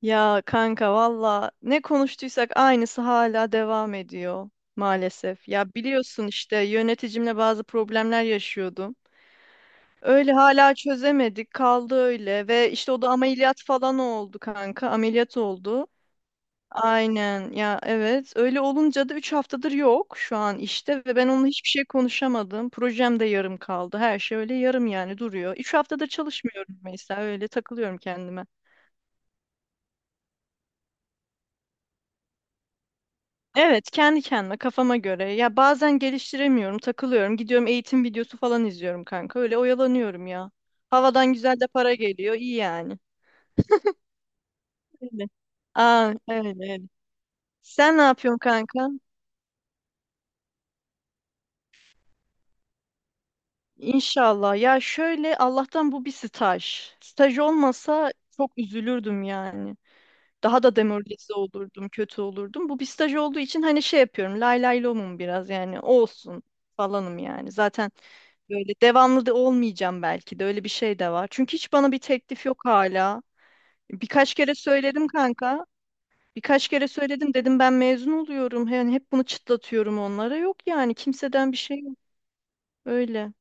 Ya kanka valla ne konuştuysak aynısı hala devam ediyor maalesef. Ya biliyorsun işte yöneticimle bazı problemler yaşıyordum. Öyle hala çözemedik kaldı öyle ve işte o da ameliyat falan oldu kanka ameliyat oldu. Aynen ya evet öyle olunca da 3 haftadır yok şu an işte ve ben onunla hiçbir şey konuşamadım. Projem de yarım kaldı her şey öyle yarım yani duruyor. 3 haftadır çalışmıyorum mesela öyle takılıyorum kendime. Evet, kendi kendime kafama göre. Ya bazen geliştiremiyorum, takılıyorum. Gidiyorum eğitim videosu falan izliyorum kanka. Öyle oyalanıyorum ya. Havadan güzel de para geliyor. İyi yani. Öyle. Aa, evet, evet. Sen ne yapıyorsun kanka? İnşallah. Ya şöyle Allah'tan bu bir staj. Staj olmasa çok üzülürdüm yani. Daha da demoralize olurdum, kötü olurdum. Bu bir staj olduğu için hani şey yapıyorum. Lay lay lomum biraz yani olsun falanım yani. Zaten böyle devamlı da olmayacağım belki de öyle bir şey de var. Çünkü hiç bana bir teklif yok hala. Birkaç kere söyledim kanka. Birkaç kere söyledim dedim ben mezun oluyorum. Yani hep bunu çıtlatıyorum onlara. Yok yani kimseden bir şey yok. Öyle.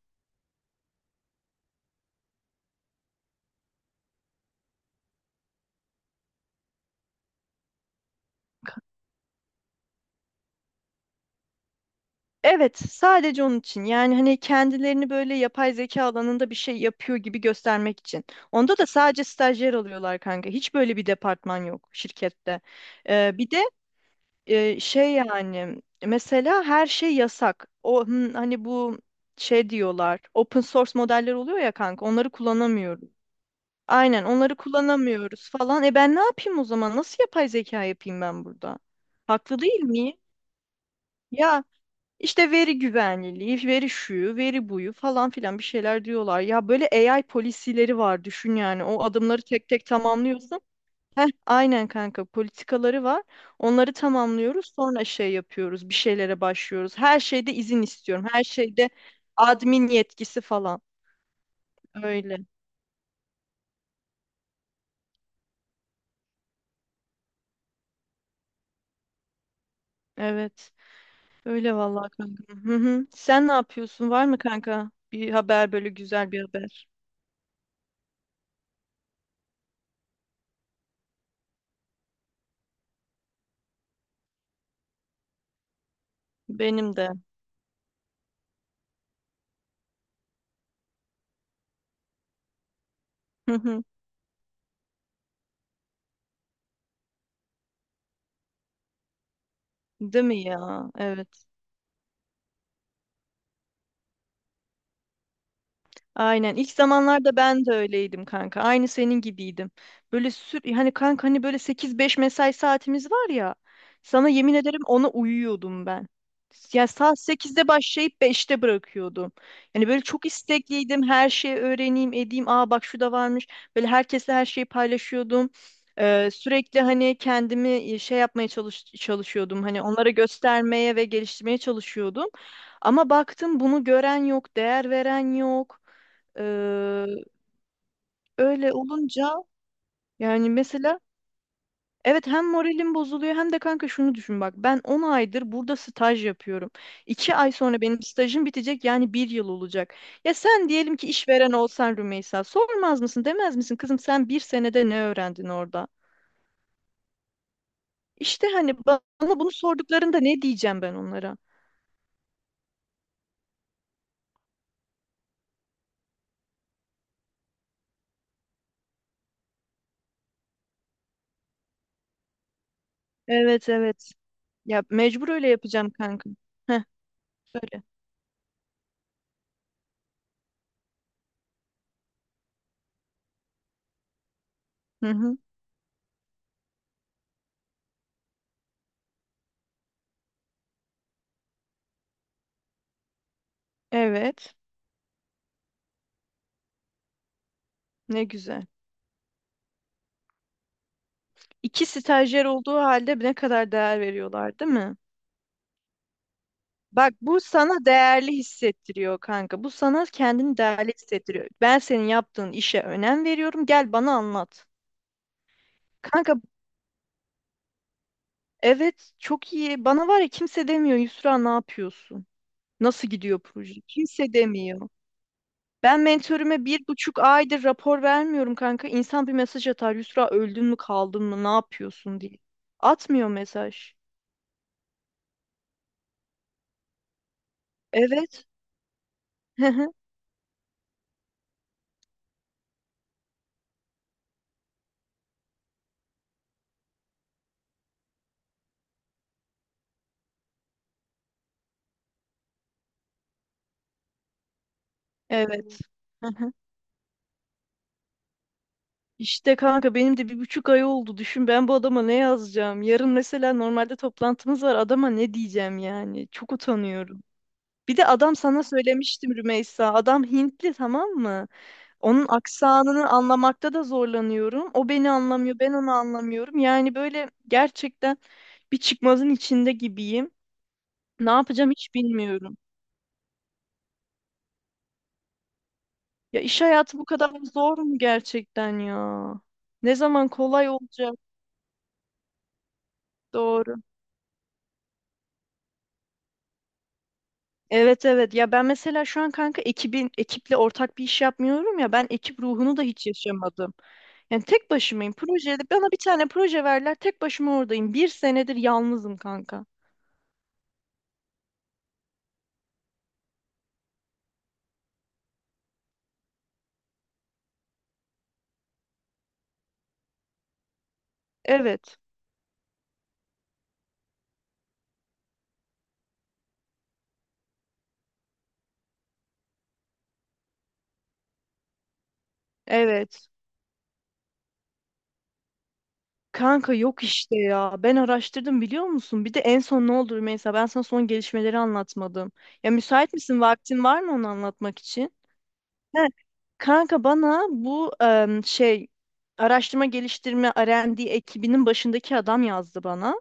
Evet, sadece onun için. Yani hani kendilerini böyle yapay zeka alanında bir şey yapıyor gibi göstermek için. Onda da sadece stajyer alıyorlar kanka. Hiç böyle bir departman yok şirkette. Bir de şey yani mesela her şey yasak. O hani bu şey diyorlar. Open source modeller oluyor ya kanka. Onları kullanamıyoruz. Aynen onları kullanamıyoruz falan. E ben ne yapayım o zaman? Nasıl yapay zeka yapayım ben burada? Haklı değil miyim? Ya işte veri güvenliliği, veri şuyu, veri buyu falan filan bir şeyler diyorlar. Ya böyle AI polisileri var düşün yani. O adımları tek tek tamamlıyorsun. Heh, aynen kanka politikaları var. Onları tamamlıyoruz. Sonra şey yapıyoruz. Bir şeylere başlıyoruz. Her şeyde izin istiyorum. Her şeyde admin yetkisi falan. Öyle. Evet. Öyle vallahi kanka. Hı hı. Sen ne yapıyorsun? Var mı kanka? Bir haber böyle güzel bir haber. Benim de. Hı hı. Değil mi ya? Evet. Aynen. İlk zamanlarda ben de öyleydim kanka. Aynı senin gibiydim. Böyle sür hani kanka hani böyle sekiz beş mesai saatimiz var ya. Sana yemin ederim ona uyuyordum ben. Ya saat sekizde başlayıp beşte bırakıyordum. Yani böyle çok istekliydim. Her şeyi öğreneyim, edeyim. Aa bak şu da varmış. Böyle herkesle her şeyi paylaşıyordum. Sürekli hani kendimi şey yapmaya çalışıyordum. Hani onlara göstermeye ve geliştirmeye çalışıyordum. Ama baktım bunu gören yok, değer veren yok. Ee, öyle olunca yani mesela evet hem moralim bozuluyor hem de kanka şunu düşün bak ben 10 aydır burada staj yapıyorum. İki ay sonra benim stajım bitecek yani bir yıl olacak. Ya sen diyelim ki işveren olsan Rümeysa sormaz mısın demez misin kızım sen bir senede ne öğrendin orada? İşte hani bana bunu sorduklarında ne diyeceğim ben onlara? Evet evet ya mecbur öyle yapacağım kanka. Heh, söyle. Hı hı. Evet ne güzel. İki stajyer olduğu halde ne kadar değer veriyorlar, değil mi? Bak bu sana değerli hissettiriyor kanka. Bu sana kendini değerli hissettiriyor. Ben senin yaptığın işe önem veriyorum. Gel bana anlat. Kanka evet çok iyi. Bana var ya kimse demiyor Yusra ne yapıyorsun? Nasıl gidiyor proje? Kimse demiyor. Ben mentörüme bir buçuk aydır rapor vermiyorum kanka. İnsan bir mesaj atar. Yusra öldün mü kaldın mı ne yapıyorsun diye. Atmıyor mesaj. Evet. Evet. İşte kanka benim de bir buçuk ay oldu. Düşün ben bu adama ne yazacağım? Yarın mesela normalde toplantımız var. Adama ne diyeceğim yani? Çok utanıyorum. Bir de adam sana söylemiştim Rümeysa. Adam Hintli tamam mı? Onun aksanını anlamakta da zorlanıyorum. O beni anlamıyor, ben onu anlamıyorum. Yani böyle gerçekten bir çıkmazın içinde gibiyim. Ne yapacağım hiç bilmiyorum. Ya iş hayatı bu kadar zor mu gerçekten ya? Ne zaman kolay olacak? Doğru. Evet evet ya ben mesela şu an kanka ekiple ortak bir iş yapmıyorum ya ben ekip ruhunu da hiç yaşamadım. Yani tek başımayım. Projede bana bir tane proje verler tek başıma oradayım. Bir senedir yalnızım kanka. Evet. Evet. Kanka yok işte ya. Ben araştırdım biliyor musun? Bir de en son ne oldu mesela ben sana son gelişmeleri anlatmadım. Ya müsait misin? Vaktin var mı onu anlatmak için? He, kanka bana bu şey araştırma geliştirme R&D ekibinin başındaki adam yazdı bana.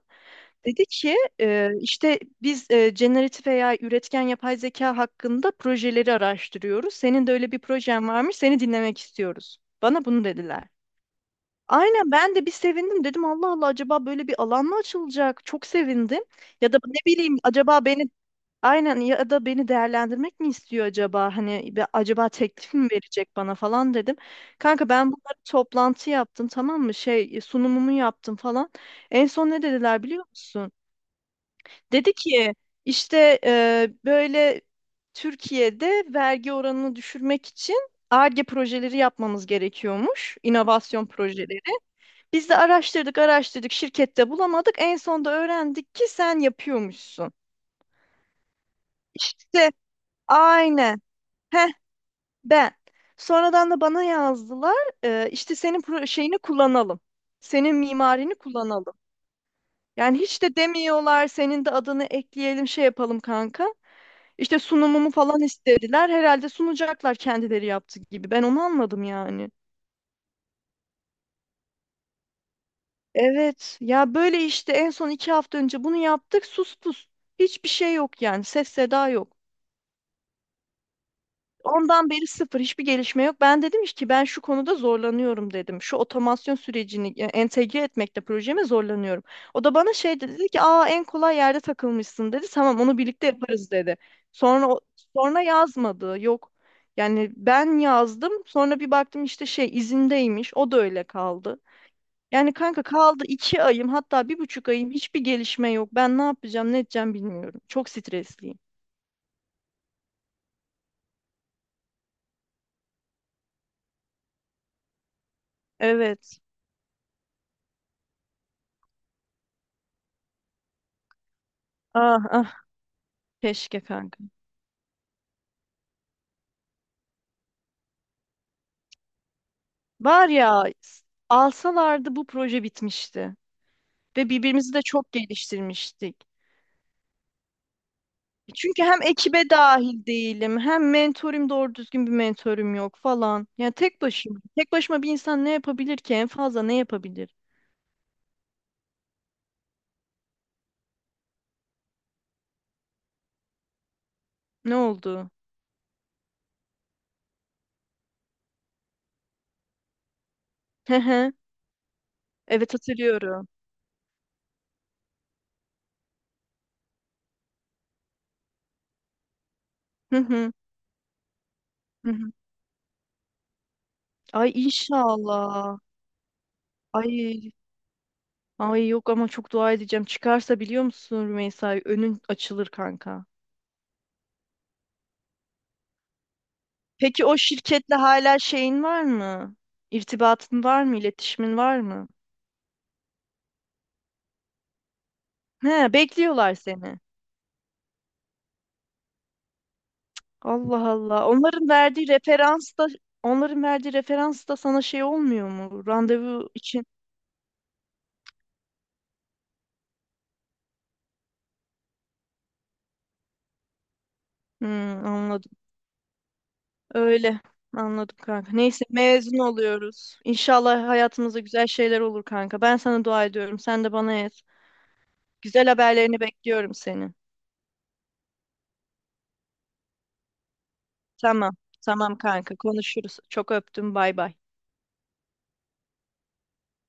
Dedi ki işte biz generatif veya üretken yapay zeka hakkında projeleri araştırıyoruz. Senin de öyle bir projen varmış, seni dinlemek istiyoruz. Bana bunu dediler. Aynen ben de bir sevindim dedim Allah Allah acaba böyle bir alan mı açılacak? Çok sevindim. Ya da ne bileyim acaba beni aynen ya da beni değerlendirmek mi istiyor acaba? Hani acaba teklif mi verecek bana falan dedim. Kanka ben bunları toplantı yaptım tamam mı? Şey sunumumu yaptım falan. En son ne dediler biliyor musun? Dedi ki işte böyle Türkiye'de vergi oranını düşürmek için Ar-Ge projeleri yapmamız gerekiyormuş, inovasyon projeleri. Biz de araştırdık, araştırdık, şirkette bulamadık. En sonunda öğrendik ki sen yapıyormuşsun. İşte aynen. Heh, ben. Sonradan da bana yazdılar. İşte şeyini kullanalım. Senin mimarini kullanalım. Yani hiç de demiyorlar senin de adını ekleyelim şey yapalım kanka. İşte sunumumu falan istediler. Herhalde sunacaklar kendileri yaptı gibi. Ben onu anladım yani. Evet ya böyle işte en son iki hafta önce bunu yaptık sus pus. Hiçbir şey yok yani ses seda yok. Ondan beri sıfır hiçbir gelişme yok. Ben dedim ki ben şu konuda zorlanıyorum dedim. Şu otomasyon sürecini entegre etmekte projeme zorlanıyorum. O da bana şey dedi, dedi ki aa en kolay yerde takılmışsın dedi. Tamam onu birlikte yaparız dedi. Sonra o- Sonra yazmadı. Yok. Yani ben yazdım. Sonra bir baktım işte şey izindeymiş. O da öyle kaldı. Yani kanka kaldı iki ayım hatta bir buçuk ayım hiçbir gelişme yok. Ben ne yapacağım ne edeceğim bilmiyorum. Çok stresliyim. Evet. Ah ah keşke kanka. Alsalardı bu proje bitmişti ve birbirimizi de çok geliştirmiştik. Çünkü hem ekibe dahil değilim, hem mentorum doğru düzgün bir mentorum yok falan. Yani tek başıma. Tek başıma bir insan ne yapabilir ki? En fazla ne yapabilir? Ne oldu? Hı hı. Evet hatırlıyorum. Hı hı. Hı hı. Ay inşallah. Ay ay yok ama çok dua edeceğim. Çıkarsa biliyor musun Rümeysa önün açılır kanka. Peki o şirketle hala şeyin var mı? İrtibatın var mı? İletişimin var mı? He, bekliyorlar seni. Allah Allah. Onların verdiği referans da onların verdiği referans da sana şey olmuyor mu? Randevu için. Hmm, anladım. Öyle. Anladım kanka. Neyse mezun oluyoruz. İnşallah hayatımızda güzel şeyler olur kanka. Ben sana dua ediyorum. Sen de bana et. Güzel haberlerini bekliyorum senin. Tamam. Tamam kanka. Konuşuruz. Çok öptüm. Bay bay.